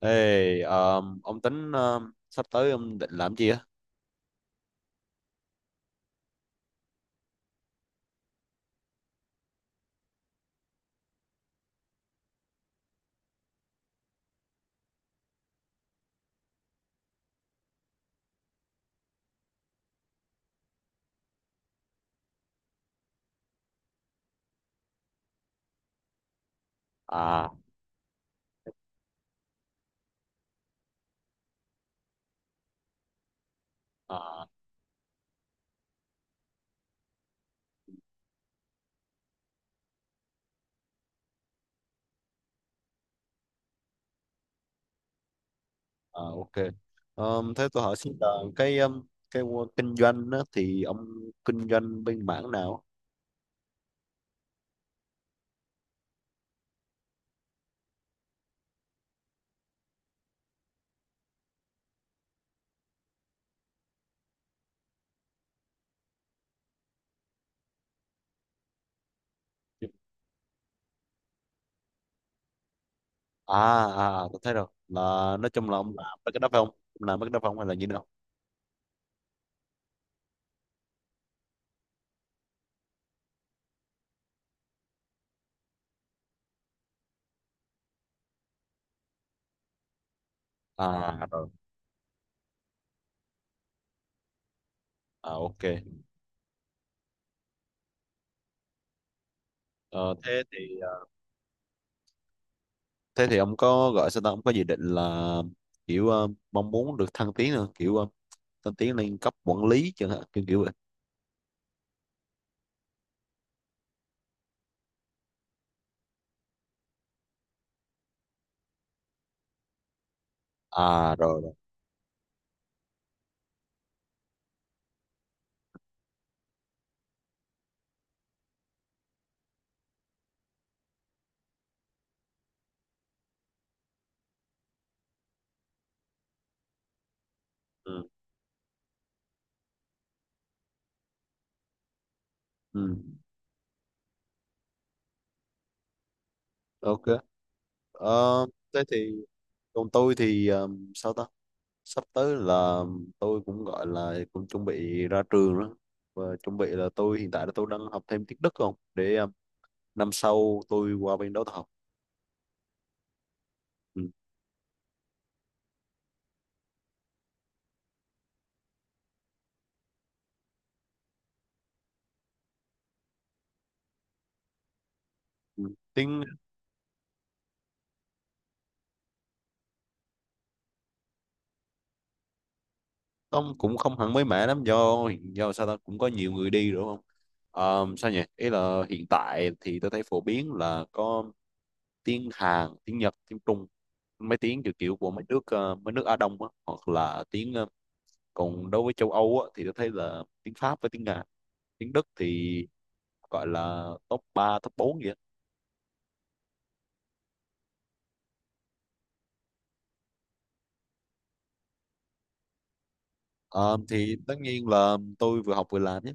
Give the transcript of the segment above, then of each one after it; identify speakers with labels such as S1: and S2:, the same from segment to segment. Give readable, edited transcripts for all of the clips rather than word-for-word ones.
S1: Ông tính sắp tới ông định làm gì á? À, à, à, ok. Thế tôi hỏi xin là cái um, cái kinh doanh á, thì ông kinh doanh bên mảng nào? À, à, à, tôi thấy rồi. Là nói chung là ông làm mấy cái đó phải không? Ông làm mấy cái đó phải không hay là như thế nào? À, rồi. À, ok. Ờ, thế thì thế thì ông có gọi sao ta? Ông có dự định là kiểu mong muốn được thăng tiến không, kiểu thăng tiến lên cấp quản lý chẳng hạn, kiểu kiểu vậy. À, rồi rồi. Ừ. Ừ. Ok. Ờ, thế thì còn tôi thì sao ta, sắp tới là tôi cũng gọi là cũng chuẩn bị ra trường đó, và chuẩn bị là hiện tại tôi đang học thêm tiếng Đức không để năm sau tôi qua bên đó tôi học. Ừ. Ừ. Tiếng ông cũng không hẳn mới mẻ lắm, do sao ta, cũng có nhiều người đi đúng không. Sao nhỉ, ý là hiện tại thì tôi thấy phổ biến là có tiếng Hàn, tiếng Nhật, tiếng Trung, mấy tiếng kiểu kiểu của mấy nước mấy nước Á Đông á, hoặc là tiếng. Còn đối với châu Âu á, thì tôi thấy là tiếng Pháp với tiếng Nga, tiếng Đức thì gọi là top ba, top 4 vậy. Ờ, thì tất nhiên là tôi vừa học vừa làm nhé.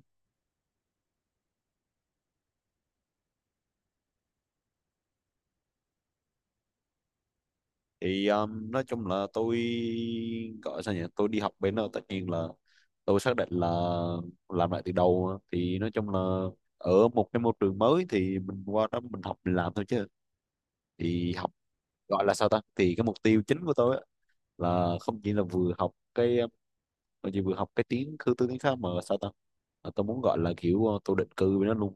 S1: Thì nói chung là tôi gọi sao nhỉ, tôi đi học bên đó tất nhiên là tôi xác định là làm lại từ đầu, thì nói chung là ở một cái môi trường mới thì mình qua đó mình học mình làm thôi chứ. Thì học gọi là sao ta, thì cái mục tiêu chính của tôi á, là không chỉ là vừa học cái. Tôi chỉ vừa học cái tiếng cư tư tiếng Pháp mà sao ta, mà tôi muốn gọi là kiểu tôi định cư với nó luôn,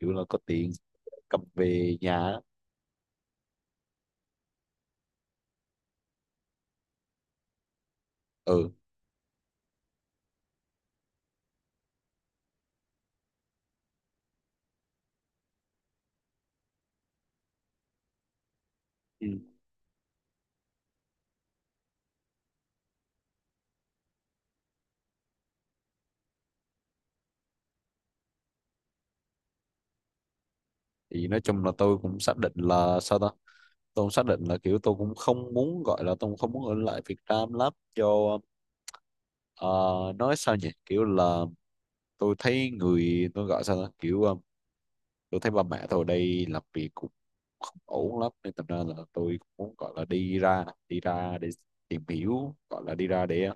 S1: kiểu là có tiền cầm về nhà á. Ừ. Ừ. Thì nói chung là tôi cũng xác định là sao ta, tôi cũng xác định là kiểu tôi cũng không muốn gọi là tôi cũng không muốn ở lại Việt Nam lắm cho ờ, nói sao nhỉ, kiểu là tôi thấy người tôi gọi sao ta kiểu tôi thấy ba mẹ tôi ở đây làm việc cũng không ổn lắm, nên thành ra là tôi cũng muốn gọi là đi ra, đi ra để tìm hiểu, gọi là đi ra để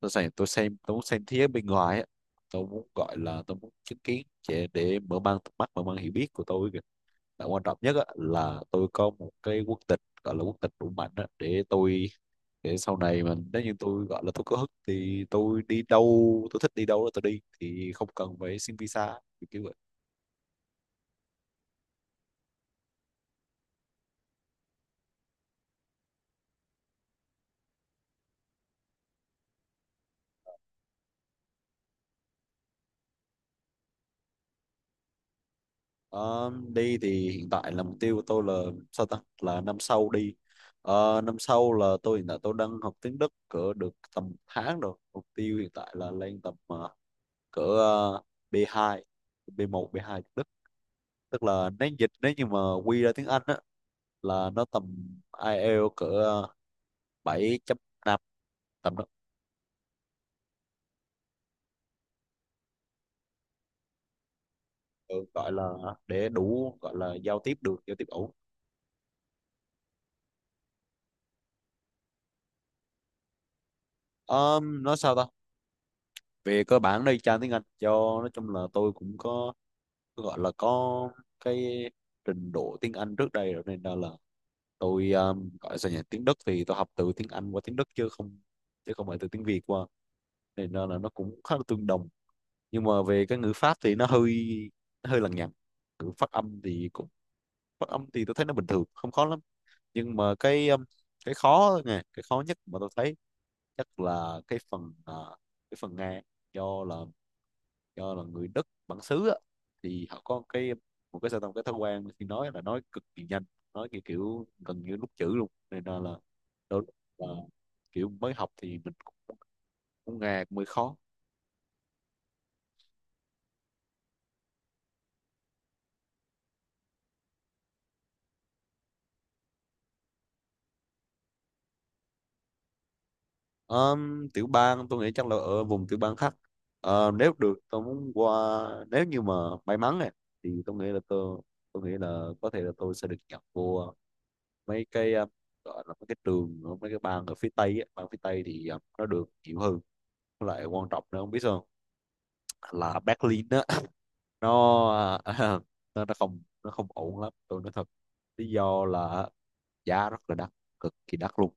S1: tôi muốn xem thế giới bên ngoài á, tôi muốn gọi là tôi muốn chứng kiến để mở mang tầm mắt, mở mang hiểu biết của tôi kìa. Và quan trọng nhất á, là tôi có một cái quốc tịch gọi là quốc tịch đủ mạnh á, để tôi, để sau này mà nếu như tôi gọi là tôi có hức thì tôi thích đi đâu đó tôi đi thì không cần phải xin visa kiểu kiểu vậy. Ờ, đi thì hiện tại là mục tiêu của tôi là sao ta, là năm sau đi. Ờ, năm sau là tôi hiện tại tôi đang học tiếng Đức cỡ được tầm một tháng rồi, mục tiêu hiện tại là lên tầm cỡ B2, B1, B2 tiếng Đức, tức là nếu dịch nếu như mà quy ra tiếng Anh á là nó tầm IELTS cỡ 7.5, tầm đó. Ừ, gọi là để đủ gọi là giao tiếp được, giao tiếp ổn. Ờ, nói sao ta, về cơ bản đây trang tiếng Anh cho, nói chung là tôi cũng có gọi là có cái trình độ tiếng Anh trước đây rồi, nên là tôi gọi là sao nhỉ, tiếng Đức thì tôi học từ tiếng Anh qua tiếng Đức chứ không, chứ không phải từ tiếng Việt qua, nên là nó cũng khá là tương đồng. Nhưng mà về cái ngữ pháp thì nó hơi, nó hơi lằng nhằng, ngữ phát âm thì cũng, phát âm thì tôi thấy nó bình thường không khó lắm. Nhưng mà cái khó nè, cái khó nhất mà tôi thấy chắc là cái phần cái phần Nga, do là do là người Đức bản xứ á, thì họ có cái, một cái sao ta, một cái thói quen khi nói là nói cực kỳ nhanh, nói kiểu, kiểu gần như nút chữ luôn, nên là đôi lúc là kiểu mới học thì mình cũng, cũng ngà mới khó. Tiểu bang tôi nghĩ chắc là ở vùng tiểu bang khác. Ờ, nếu được tôi muốn qua, nếu như mà may mắn này thì tôi nghĩ là có thể là tôi sẽ được nhập vô mấy cái gọi là mấy cái trường ở mấy cái bang ở phía Tây á. Bang phía Tây thì ờ, nó được nhiều hơn. Lại quan trọng nữa không biết sao không? Là Berlin á, nó nó không ổn lắm tôi nói thật. Lý do là giá rất là đắt, cực kỳ đắt luôn.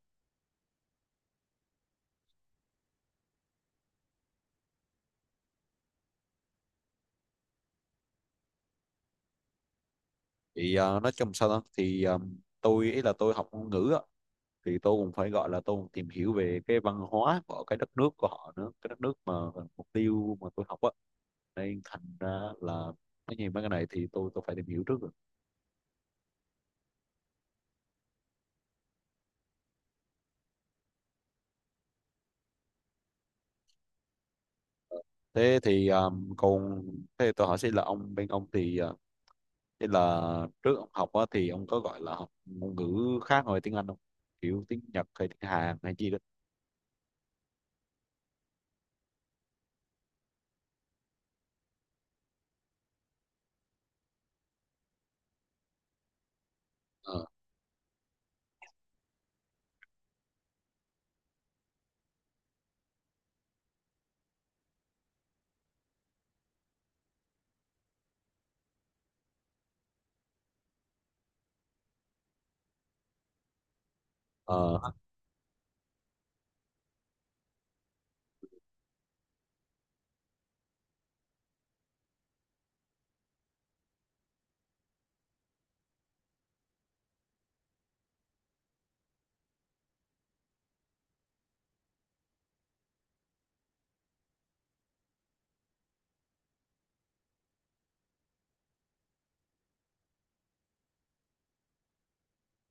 S1: Thì ờ, nói chung sao đó thì tôi ý là tôi học ngôn ngữ á thì tôi cũng phải gọi là tôi cũng tìm hiểu về cái văn hóa của cái đất nước của họ nữa, cái đất nước mà mục tiêu mà tôi học á, nên thành ra là nói gì mấy cái này thì tôi phải tìm hiểu trước rồi. Thế thì ờ, còn thế tôi hỏi xin là ông bên ông thì ờ, thế là trước ông học á, thì ông có gọi là học ngôn ngữ khác ngoài tiếng Anh không? Kiểu tiếng Nhật hay tiếng Hàn hay gì đó. Ờ, ờ,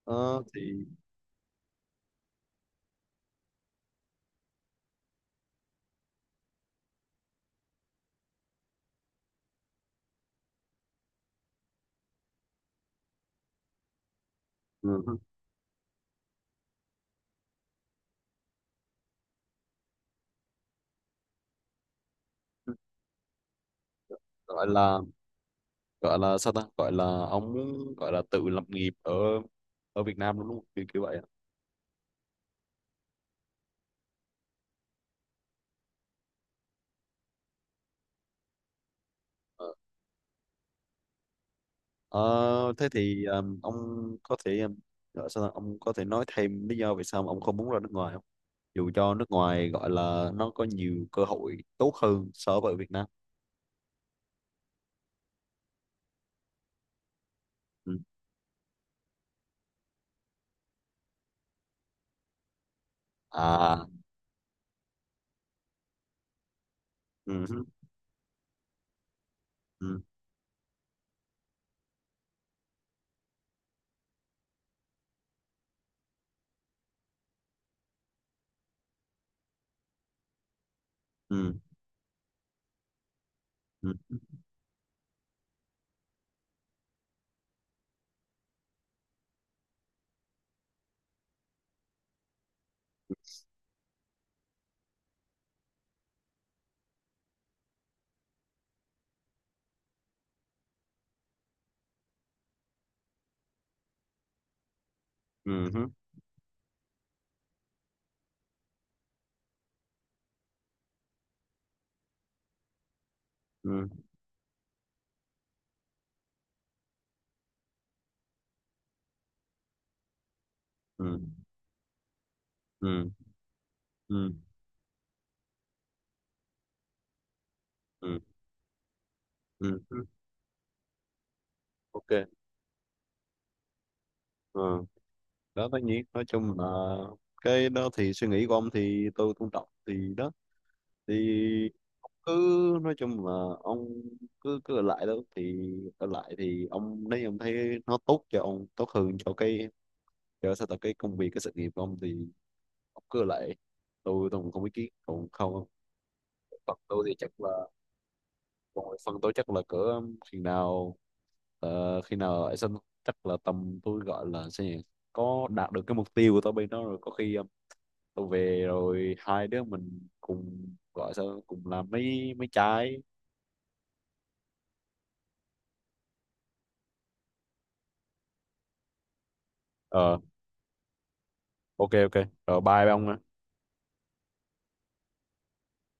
S1: ờ, thì ừ, gọi là gọi là sao ta? Gọi là ông muốn gọi là tự lập nghiệp ở ở Việt Nam đúng không? Kiểu kiểu vậy. Ờ, ờ, thế thì ông có thể gọi sao ta? Ông có thể nói thêm lý do vì sao mà ông không muốn ra nước ngoài không? Dù cho nước ngoài gọi là nó có nhiều cơ hội tốt hơn so với ở Việt Nam. Ừ. À, ừ. Ừ. Ừ. Ừ. Ừ hứ. Ừ. Ừ. Ừ. Ừ. Ừ. Ừ hứ. Ok. Ờ, đó tất nhiên nói chung là cái đó thì suy nghĩ của ông thì tôi tôn trọng thì đó, thì cứ nói chung là ông cứ cứ ở lại đó thì, ở lại thì ông nếu như ông thấy nó tốt cho ông, tốt hơn cho cái, cho sao tập cái công việc, cái sự nghiệp của ông thì ông cứ ở lại, tôi cũng không ý kiến còn không. Còn tôi thì chắc là rồi, phần tôi chắc là cỡ khi nào ờ, khi nào ấy xong, chắc là tầm tôi gọi là sao nhỉ, có đạt được cái mục tiêu của tôi bên đó rồi có khi ờ, tôi về rồi hai đứa mình cùng gọi sao cùng làm mấy mấy trái. Ờ, ok, ok. Rồi, bye ông ạ.